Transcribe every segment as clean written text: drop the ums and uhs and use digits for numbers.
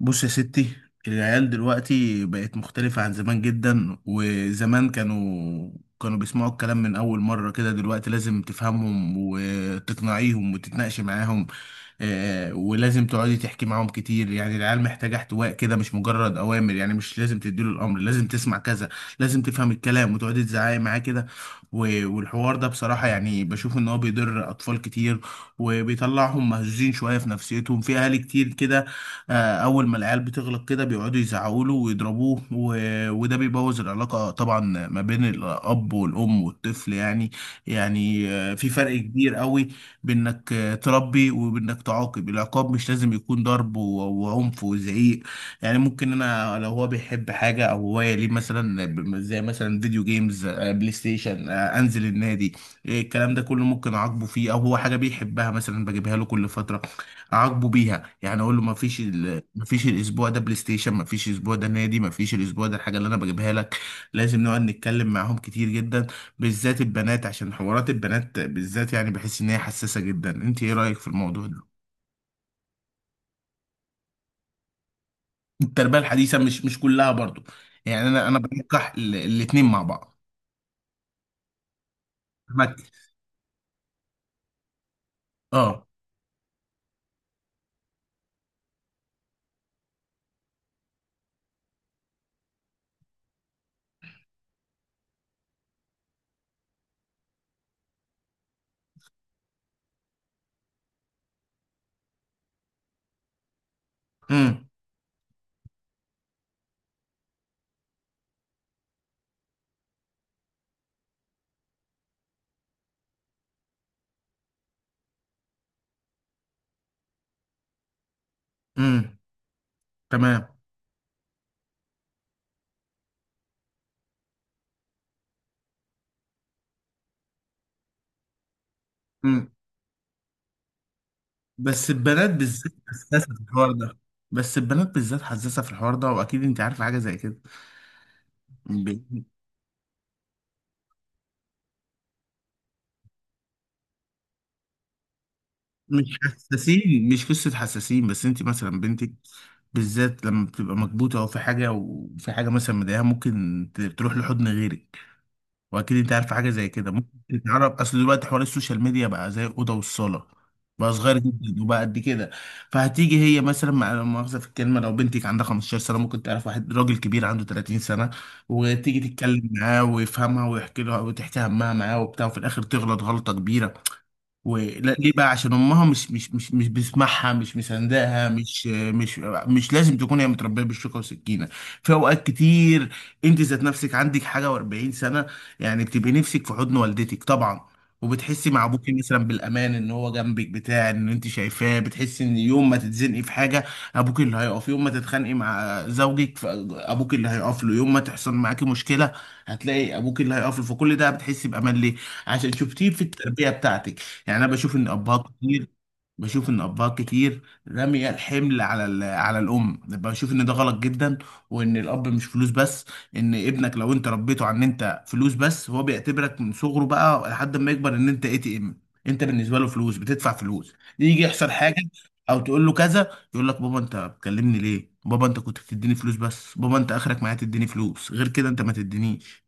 بص يا ستي، العيال دلوقتي بقت مختلفة عن زمان جدا. وزمان كانوا بيسمعوا الكلام من أول مرة كده. دلوقتي لازم تفهمهم وتقنعيهم وتتناقشي معاهم. ولازم تقعدي تحكي معاهم كتير، يعني العيال محتاجة احتواء كده، مش مجرد أوامر. يعني مش لازم تديله الأمر لازم تسمع كذا، لازم تفهم الكلام وتقعدي تزعقي معاه كده. و- والحوار ده بصراحة يعني بشوف إن هو بيضر أطفال كتير، وبيطلعهم مهزوزين شوية في نفسيتهم. في أهالي كتير كده، اول ما العيال بتغلط كده بيقعدوا يزعقوا له ويضربوه، و- وده بيبوظ العلاقه طبعا ما بين الاب والام والطفل. يعني يعني في فرق كبير قوي بانك تربي وبانك تعاقب. العقاب مش لازم يكون ضرب و- وعنف وزعيق. يعني ممكن انا لو هو بيحب حاجه او هوايه ليه، مثلا زي مثلا فيديو جيمز، بلاي ستيشن، انزل النادي، إيه، الكلام ده كله ممكن اعاقبه فيه. او هو حاجه بيحبها مثلا بجيبها له كل فتره، اعاقبه بيها. يعني اقول له ما فيش الاسبوع ده بلاي ستيشن، ما فيش الاسبوع ده نادي، ما فيش الاسبوع ده الحاجه اللي انا بجيبها لك. لازم نقعد نتكلم معاهم كتير جدا، بالذات البنات، عشان حوارات البنات بالذات يعني بحس ان هي حساسه جدا. انت ايه رايك في الموضوع ده؟ التربيه الحديثه مش كلها برضو. يعني انا بنكح الاتنين مع بعض. مك، اه. امم. امم. تمام. امم. بس البنات بالذات حساسه في الحوار ده. بس البنات بالذات حساسه في الحوار ده، واكيد انت عارفه حاجه زي كده. مش حساسين، مش قصة حساسين بس، انت مثلا بنتك بالذات لما بتبقى مكبوتة، او في حاجة وفي حاجة مثلا مضايقاها ممكن تروح لحضن غيرك، واكيد انت عارفة حاجة زي كده. ممكن تتعرف، اصل دلوقتي حوار السوشيال ميديا بقى زي الأوضة والصالة، بقى صغير جدا وبقى قد كده. فهتيجي هي مثلا، مع لا مؤاخذة في الكلمة، لو بنتك عندها 15 سنة ممكن تعرف واحد راجل كبير عنده 30 سنة، وتيجي تتكلم معاه ويفهمها ويحكي لها وتحكي همها معاه وبتاع، وفي الآخر تغلط غلطة كبيرة. ولا ليه بقى؟ عشان امها مش بتسمعها، مش مساندها، مش. مش لازم تكون هي متربيه بالشوكه والسكينه. في اوقات كتير انت ذات نفسك عندك حاجه و40 سنه، يعني بتبقي نفسك في حضن والدتك طبعا. وبتحسي مع ابوكي مثلا بالامان، ان هو جنبك بتاع ان انت شايفاه، بتحسي ان يوم ما تتزنقي في حاجه ابوك اللي هيقف، يوم ما تتخانقي مع زوجك فابوك اللي هيقف له، يوم ما تحصل معاكي مشكله هتلاقي ابوك اللي هيقف له. فكل ده بتحسي بامان ليه؟ عشان شفتيه في التربيه بتاعتك. يعني انا بشوف ان ابهات كتير، بشوف ان ابهات كتير رامية الحمل على على الام. بشوف ان ده غلط جدا، وان الاب مش فلوس بس. ان ابنك لو انت ربيته عن ان انت فلوس بس، هو بيعتبرك من صغره بقى لحد ما يكبر ان انت ATM. انت بالنسبه له فلوس، بتدفع فلوس، يجي يحصل حاجه او تقول له كذا يقول لك، بابا انت بتكلمني ليه؟ بابا انت كنت بتديني فلوس بس، بابا انت اخرك معايا تديني فلوس، غير كده انت ما تدينيش.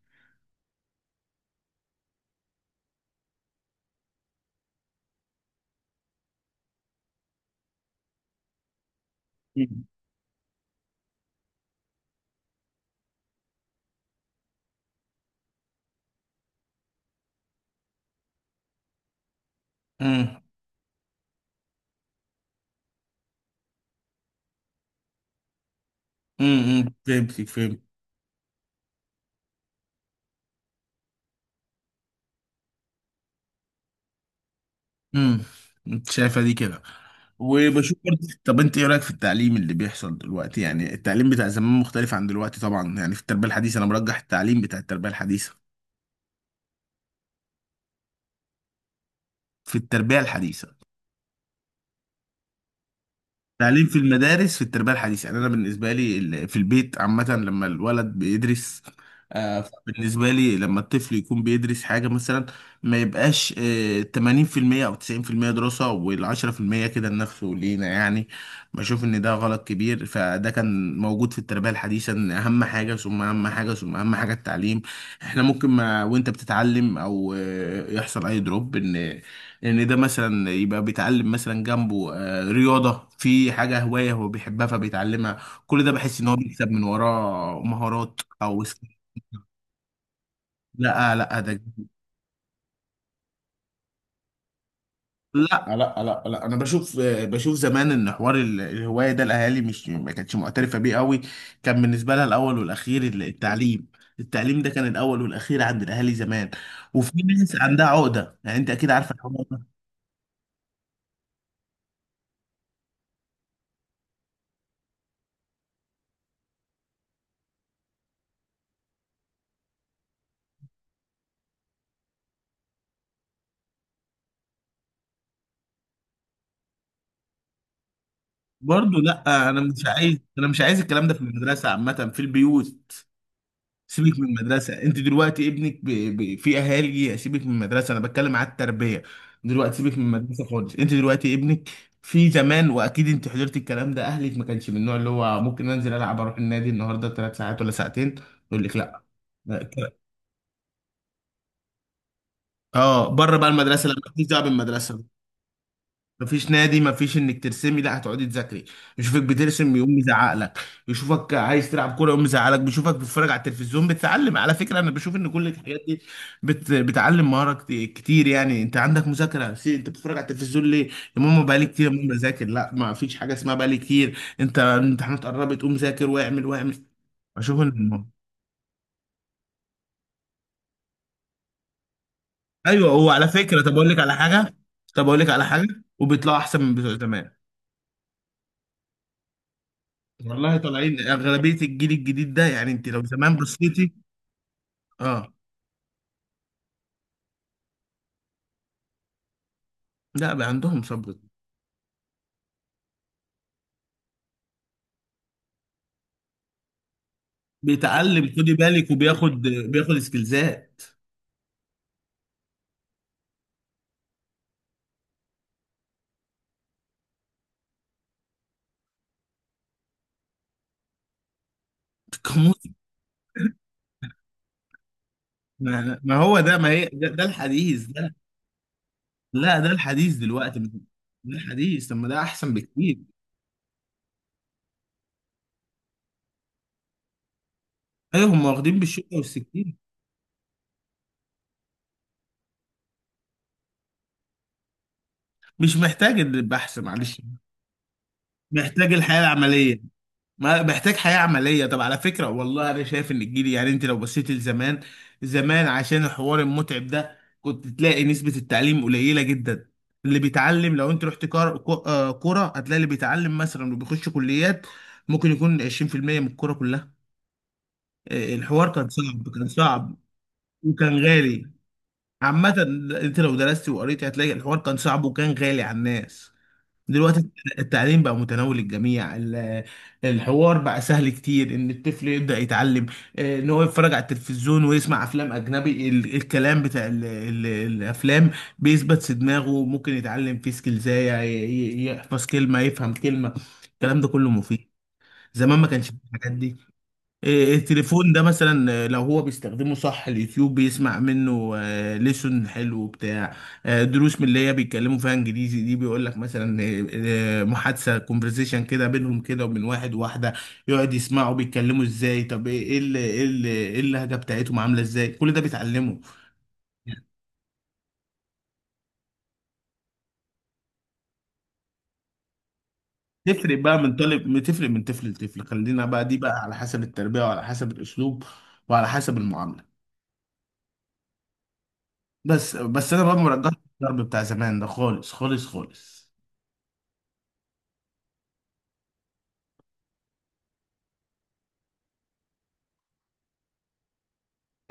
مم. امم. امم. فهمتك، فهمت. امم. انت شايفه دي كده، وبشوف برضه. طب انت ايه رايك في التعليم اللي بيحصل دلوقتي؟ يعني التعليم بتاع زمان مختلف عن دلوقتي طبعا. يعني في التربيه الحديثه انا مرجح التعليم بتاع التربيه الحديثه. في التربيه الحديثه، تعليم في المدارس في التربية الحديثة، يعني أنا بالنسبة لي في البيت عامة، لما الولد بيدرس، بالنسبة لي لما الطفل يكون بيدرس حاجة مثلا، ما يبقاش 80% أو 90% دراسة وال10% كده لنفسه ولينا. يعني بشوف إن ده غلط كبير. فده كان موجود في التربية الحديثة، إن أهم حاجة ثم أهم حاجة ثم أهم حاجة التعليم. إحنا ممكن ما وأنت بتتعلم أو يحصل أي دروب إن ان ده مثلا يبقى بيتعلم مثلا جنبه رياضة، في حاجة هواية هو بيحبها فبيتعلمها. كل ده بحس ان هو بيكسب من وراه مهارات او سكيل. لا، لا، ده لا انا بشوف، بشوف زمان ان حوار الهواية ده الاهالي مش، ما كانتش معترفة بيه قوي. كان بالنسبة لها الاول والاخير التعليم. التعليم ده كان الاول والاخير عند الاهالي زمان، وفي ناس عندها عقدة، يعني انت اكيد عارفة الحوار ده. برضه لا، انا مش عايز، انا مش عايز الكلام ده في المدرسة عامة، في البيوت. سيبك من المدرسه، انت دلوقتي ابنك في اهالي، سيبك من المدرسه انا بتكلم على التربيه. دلوقتي سيبك من المدرسه خالص، انت دلوقتي ابنك في زمان، واكيد انت حضرت الكلام ده، اهلك ما كانش من النوع اللي هو ممكن انزل العب، اروح النادي النهارده 3 ساعات ولا ساعتين، يقول لك لا. اه، بره بقى المدرسه، لما مفيش دعوه بالمدرسه، مفيش نادي، مفيش انك ترسمي، لا هتقعدي تذاكري. يشوفك بترسم يقوم يزعق لك، يشوفك عايز تلعب كوره يقوم يزعق لك، بيشوفك بتتفرج على التلفزيون. بتتعلم على فكره، انا بشوف ان كل الحاجات دي بتعلم مهاره كتير. يعني انت عندك مذاكره انت بتتفرج على التلفزيون ليه؟ يا ماما بقالي كتير، يا ماما بذاكر، لا ما فيش حاجه اسمها بقالي كتير، انت الامتحانات قربت، قوم ذاكر واعمل واعمل. اشوف ان، ايوه هو على فكره. طب اقول لك على حاجه، طب اقول لك على حاجه، وبيطلعوا احسن من بتوع زمان. والله طالعين اغلبيه الجيل الجديد ده، يعني انت لو زمان بصيتي. اه، لا بقى عندهم صبر، بيتعلم خدي بالك، وبياخد بياخد سكيلزات كموسيقى. ما هو ده، ما هي ده, ده الحديث ده. لا ده الحديث دلوقتي، ده الحديث، طب ما ده احسن بكتير. ايوه هم واخدين بالشوكه والسكين. مش محتاج البحث، معلش محتاج الحياه العمليه، ما محتاج حياة عملية. طب على فكرة والله أنا شايف إن الجيل، يعني أنت لو بصيت لزمان، زمان عشان الحوار المتعب ده كنت تلاقي نسبة التعليم قليلة جدا. اللي بيتعلم، لو أنت رحت كرة هتلاقي اللي بيتعلم مثلا، اللي بيخش كليات، ممكن يكون 20% من الكرة كلها. الحوار كان صعب، كان صعب وكان غالي عامة. أنت لو درست وقريت هتلاقي الحوار كان صعب وكان غالي على الناس. دلوقتي التعليم بقى متناول الجميع، الحوار بقى سهل كتير، ان الطفل يبدأ يتعلم. ان هو يتفرج على التلفزيون ويسمع افلام اجنبي، الكلام بتاع ال ال الافلام بيثبت في دماغه. ممكن يتعلم فيه سكيلزاية يحفظ كلمة، يفهم كلمة، الكلام ده كله مفيد. زمان ما كانش فيه الحاجات دي. إيه، التليفون ده مثلا، لو هو بيستخدمه صح، اليوتيوب بيسمع منه ليسون حلو بتاع، دروس من اللي هي بيتكلموا فيها انجليزي دي، بيقول لك مثلا محادثه، كونفرزيشن كده بينهم كده، وبين واحد واحده، يقعد يسمعوا بيتكلموا ازاي. طب ايه، إيه اللهجه بتاعتهم عامله ازاي، كل ده بيتعلمه. تفرق بقى من طالب، بتفرق من طفل لطفل. خلينا بقى دي بقى على حسب التربيه وعلى حسب الاسلوب وعلى حسب المعامله. بس انا بقى مرجح الضرب بتاع زمان ده، خالص خالص خالص.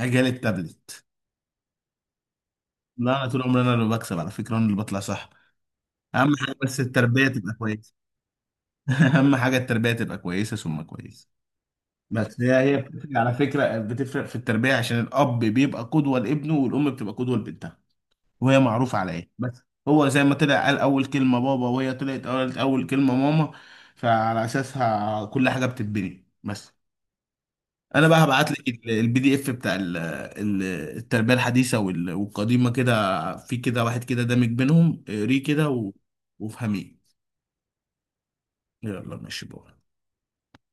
اجالي التابلت. لا، انا طول عمري انا اللي بكسب على فكره، انا اللي بطلع صح. اهم حاجه بس التربيه تبقى كويسه. اهم حاجه التربيه تبقى كويسه ثم كويسه. بس هي بتفرق على فكره، بتفرق في التربيه، عشان الاب بيبقى قدوه لابنه والام بتبقى قدوه لبنتها، وهي معروفه على ايه بس. هو زي ما طلع قال اول كلمه بابا، وهي طلعت قالت اول كلمه ماما، فعلى اساسها كل حاجه بتتبني بس. انا بقى هبعت لك الPDF بتاع التربيه الحديثه وال- والقديمه كده، في كده واحد كده دامج بينهم، اقريه كده وافهميه. يلا ماشي بقى.